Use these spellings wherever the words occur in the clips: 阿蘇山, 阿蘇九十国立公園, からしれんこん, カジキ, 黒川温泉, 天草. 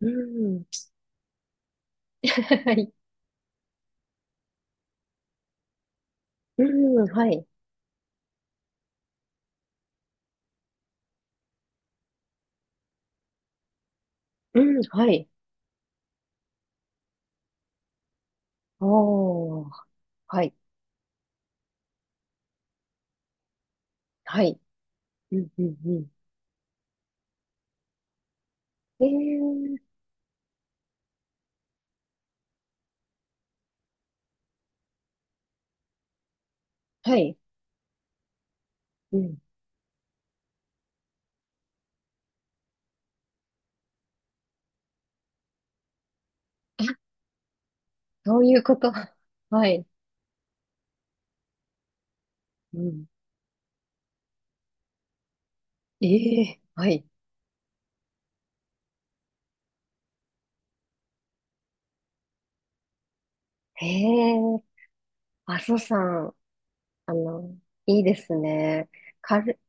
うん。はい。うん。はい。うん。はい。ああ。はい。はい。うん。うん。うん。ええ、はい。うん。そういうこと。はい。うん。ええ、はい。へえ。阿蘇山。あの、いいですね。かる、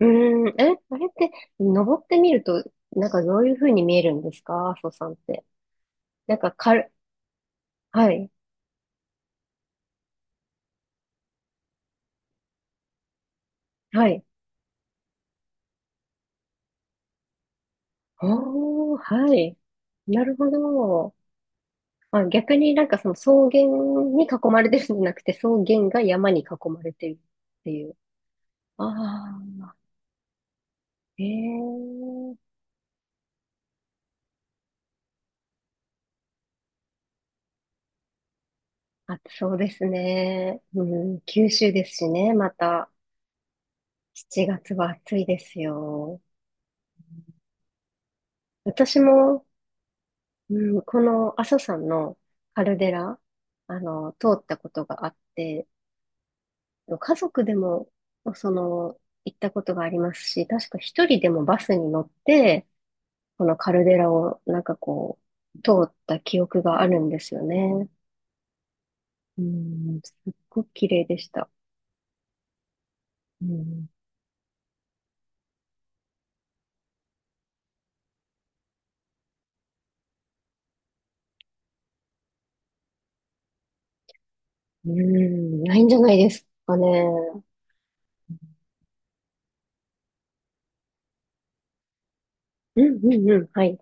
うん。あれって、登ってみると、なんかどういう風に見えるんですか、阿蘇山って？なんかかる、はい。はい。おー、はい。なるほど。まあ、逆になんかその草原に囲まれてるんじゃなくて、草原が山に囲まれてるっていう。ああ、ええ、あ、そうですね。うん、九州ですしね、また。7月は暑いですよ。私も、うん、この阿蘇山のカルデラ、通ったことがあって、家族でも、その、行ったことがありますし、確か一人でもバスに乗って、このカルデラをなんかこう、通った記憶があるんですよね。うん、すっごく綺麗でした。うん、うん、ないんじゃないですかね。うんうんうん、はい。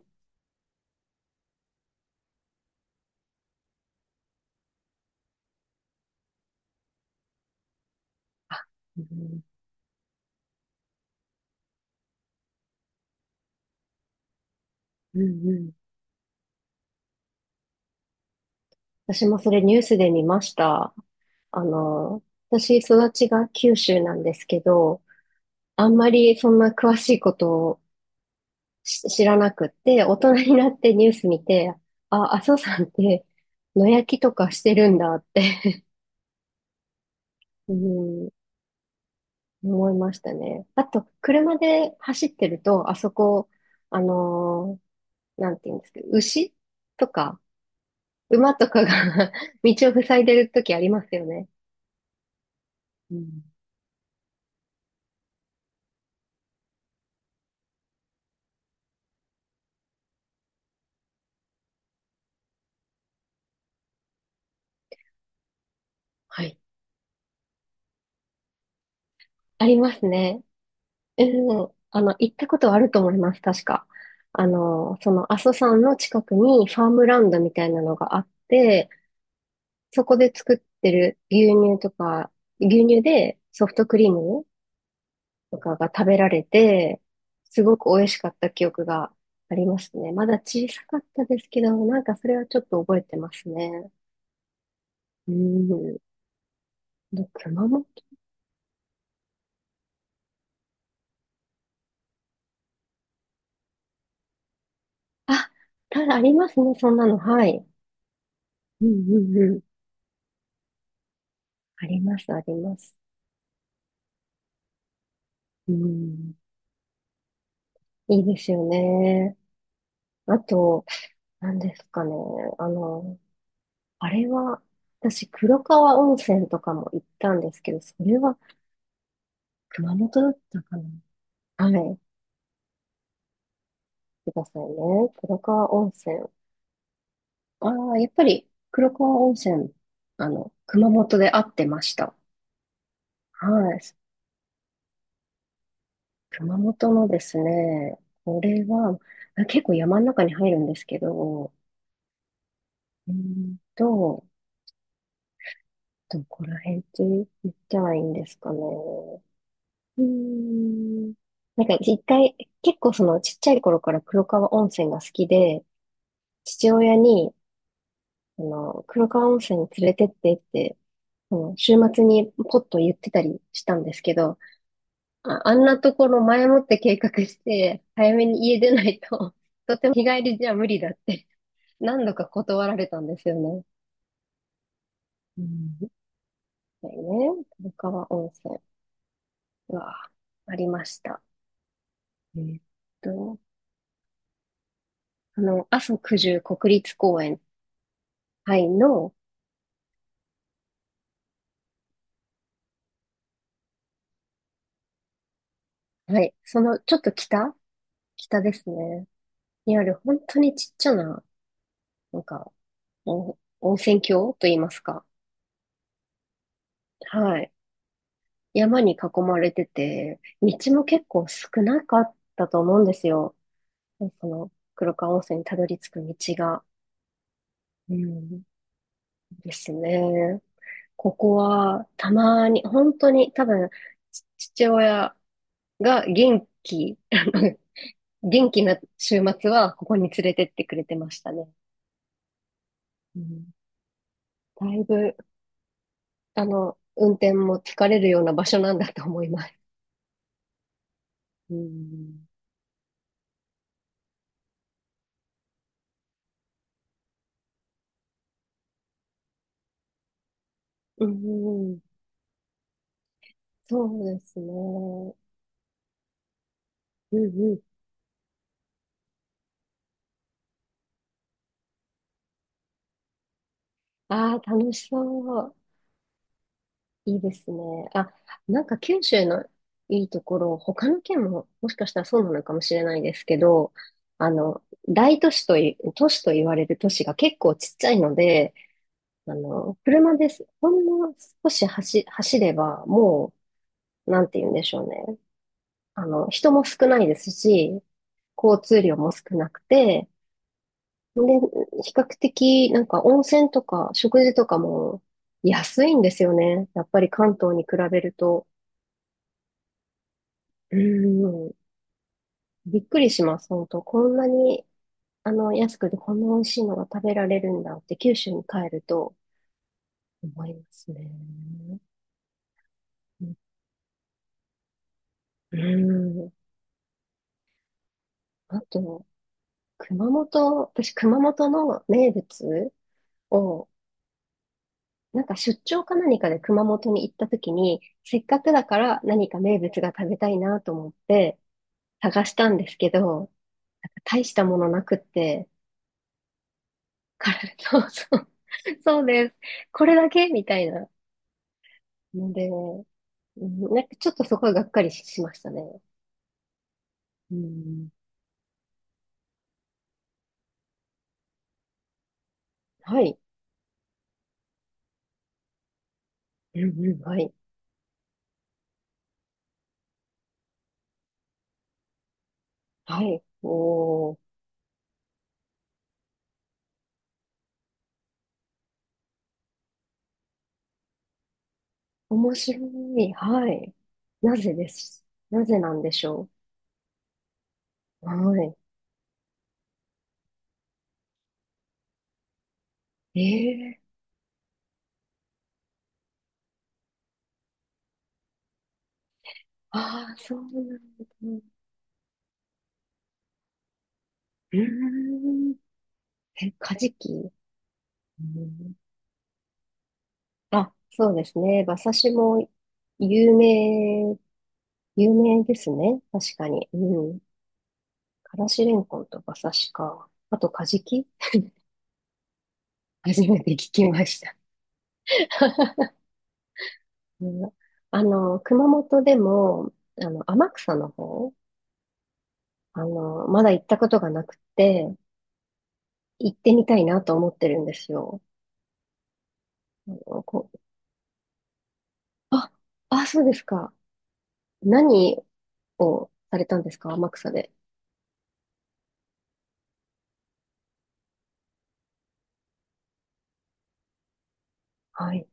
うん、うんうん。私もそれニュースで見ました。あの、私、育ちが九州なんですけど、あんまりそんな詳しいことを知らなくって、大人になってニュース見て、あ、阿蘇山って野焼きとかしてるんだって、 うん、思いましたね。あと、車で走ってると、あそこ、あのなんて言うんですけど、牛とか、馬とかが 道を塞いでる時ありますよね。うん。はい。ありますね。うん。行ったことはあると思います、確か。あの、その阿蘇山の近くにファームランドみたいなのがあって、そこで作ってる牛乳とか、牛乳でソフトクリームとかが食べられて、すごく美味しかった記憶がありますね。まだ小さかったですけど、なんかそれはちょっと覚えてますね。うん。で、熊本。あ、ただありますね、そんなの。はい。うんうんうん。あります、あります。うん。いいですよね。あと、何ですかね。あの、あれは、私、黒川温泉とかも行ったんですけど、それは熊本だったかな。はい。くださいね。黒川温泉。ああ、やっぱり黒川温泉、あの、熊本で会ってました。はい。熊本のですね、これは、あ、結構山の中に入るんですけど、うーんと、どこら辺って言ったらいいんですかね？うーん。なんか一回、結構そのちっちゃい頃から黒川温泉が好きで、父親に、あの、黒川温泉に連れてってって、その週末にポッと言ってたりしたんですけど、あ、あんなところ前もって計画して、早めに家出ないと、とても日帰りじゃ無理だって、何度か断られたんですよね。うん。だよね、古川温泉がありました。えーっと、あの、阿蘇九十国立公園、はい、の、はい、そのちょっと北、北ですね。にある本当にちっちゃな、なんか、お温泉郷と言いますか。はい。山に囲まれてて、道も結構少なかったと思うんですよ。その黒川温泉にたどり着く道が。うん、ですね。ここはたまに、本当に多分、父親が元気、元気な週末はここに連れてってくれてましたね。うん、だいぶ、あの、運転も疲れるような場所なんだと思います。うん、うん、そうですね。うんうんああ、楽しそう。いいですね。あ、なんか九州のいいところ、他の県ももしかしたらそうなのかもしれないですけど、あの、大都市とい、都市と言われる都市が結構ちっちゃいので、あの、車です。ほんの少し走れば、もう、なんて言うんでしょうね。あの、人も少ないですし、交通量も少なくて、で、比較的、なんか温泉とか食事とかも安いんですよね。やっぱり関東に比べると。うん。びっくりします、本当。こんなに、あの、安くてこんな美味しいのが食べられるんだって九州に帰ると思いますね。うん。あと、熊本、私、熊本の名物を、なんか出張か何かで熊本に行った時に、せっかくだから何か名物が食べたいなと思って、探したんですけど、大したものなくって、から そうそう、そうです。これだけみたいなので、うん、なんかちょっとそこはがっかりし、しましたね。うん、はい。うんうん、はい。はい。おー、面白い。はい。なぜです？なぜなんでしょう？はい。えー、ああ、そうなんだ。うーん。え、カジキ。うん、あ、そうですね。馬刺しも有名、有名ですね。確かに。うん。からしれんこんと馬刺しか。あと、カジキ、初めて聞きました。うん、あの、熊本でも、あの、天草の方、あの、まだ行ったことがなくて、行ってみたいなと思ってるんですよ。あのこう、あ、あ、そうですか。何をされたんですか、天草で？はい。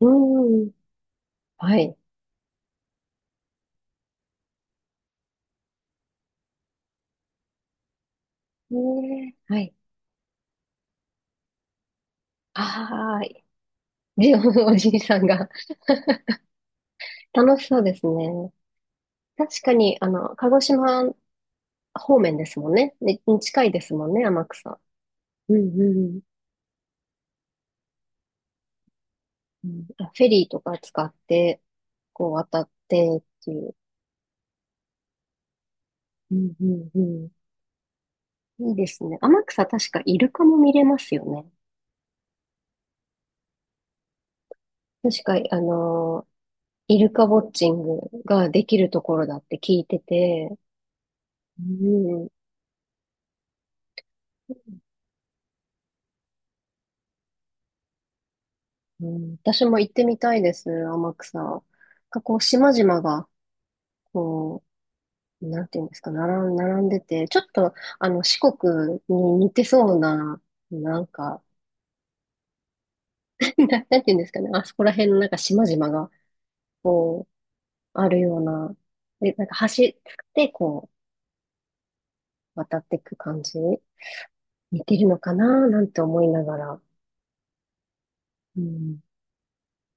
うん。はい。ねえ、はい。ああ、じ、おじいさんが 楽しそうですね。確かに、あの、鹿児島方面ですもんね。に近いですもんね、天草。うんうんうん。あ、フェリーとか使って、こう渡ってっていう。うんうんうん。いいですね。天草、確かイルカも見れますよね。確か、あの、イルカウォッチングができるところだって聞いてて、うんうん、私も行ってみたいです、天草。なんかこう、島々が、こう、なんていうんですか、並んでて、ちょっと、あの、四国に似てそうな、なんか、なんていうんですかね、あそこら辺のなんか島々が、こう、あるような、で、なんか橋で、こう、渡っていく感じ、似てるのかな、なんて思いながら、うん、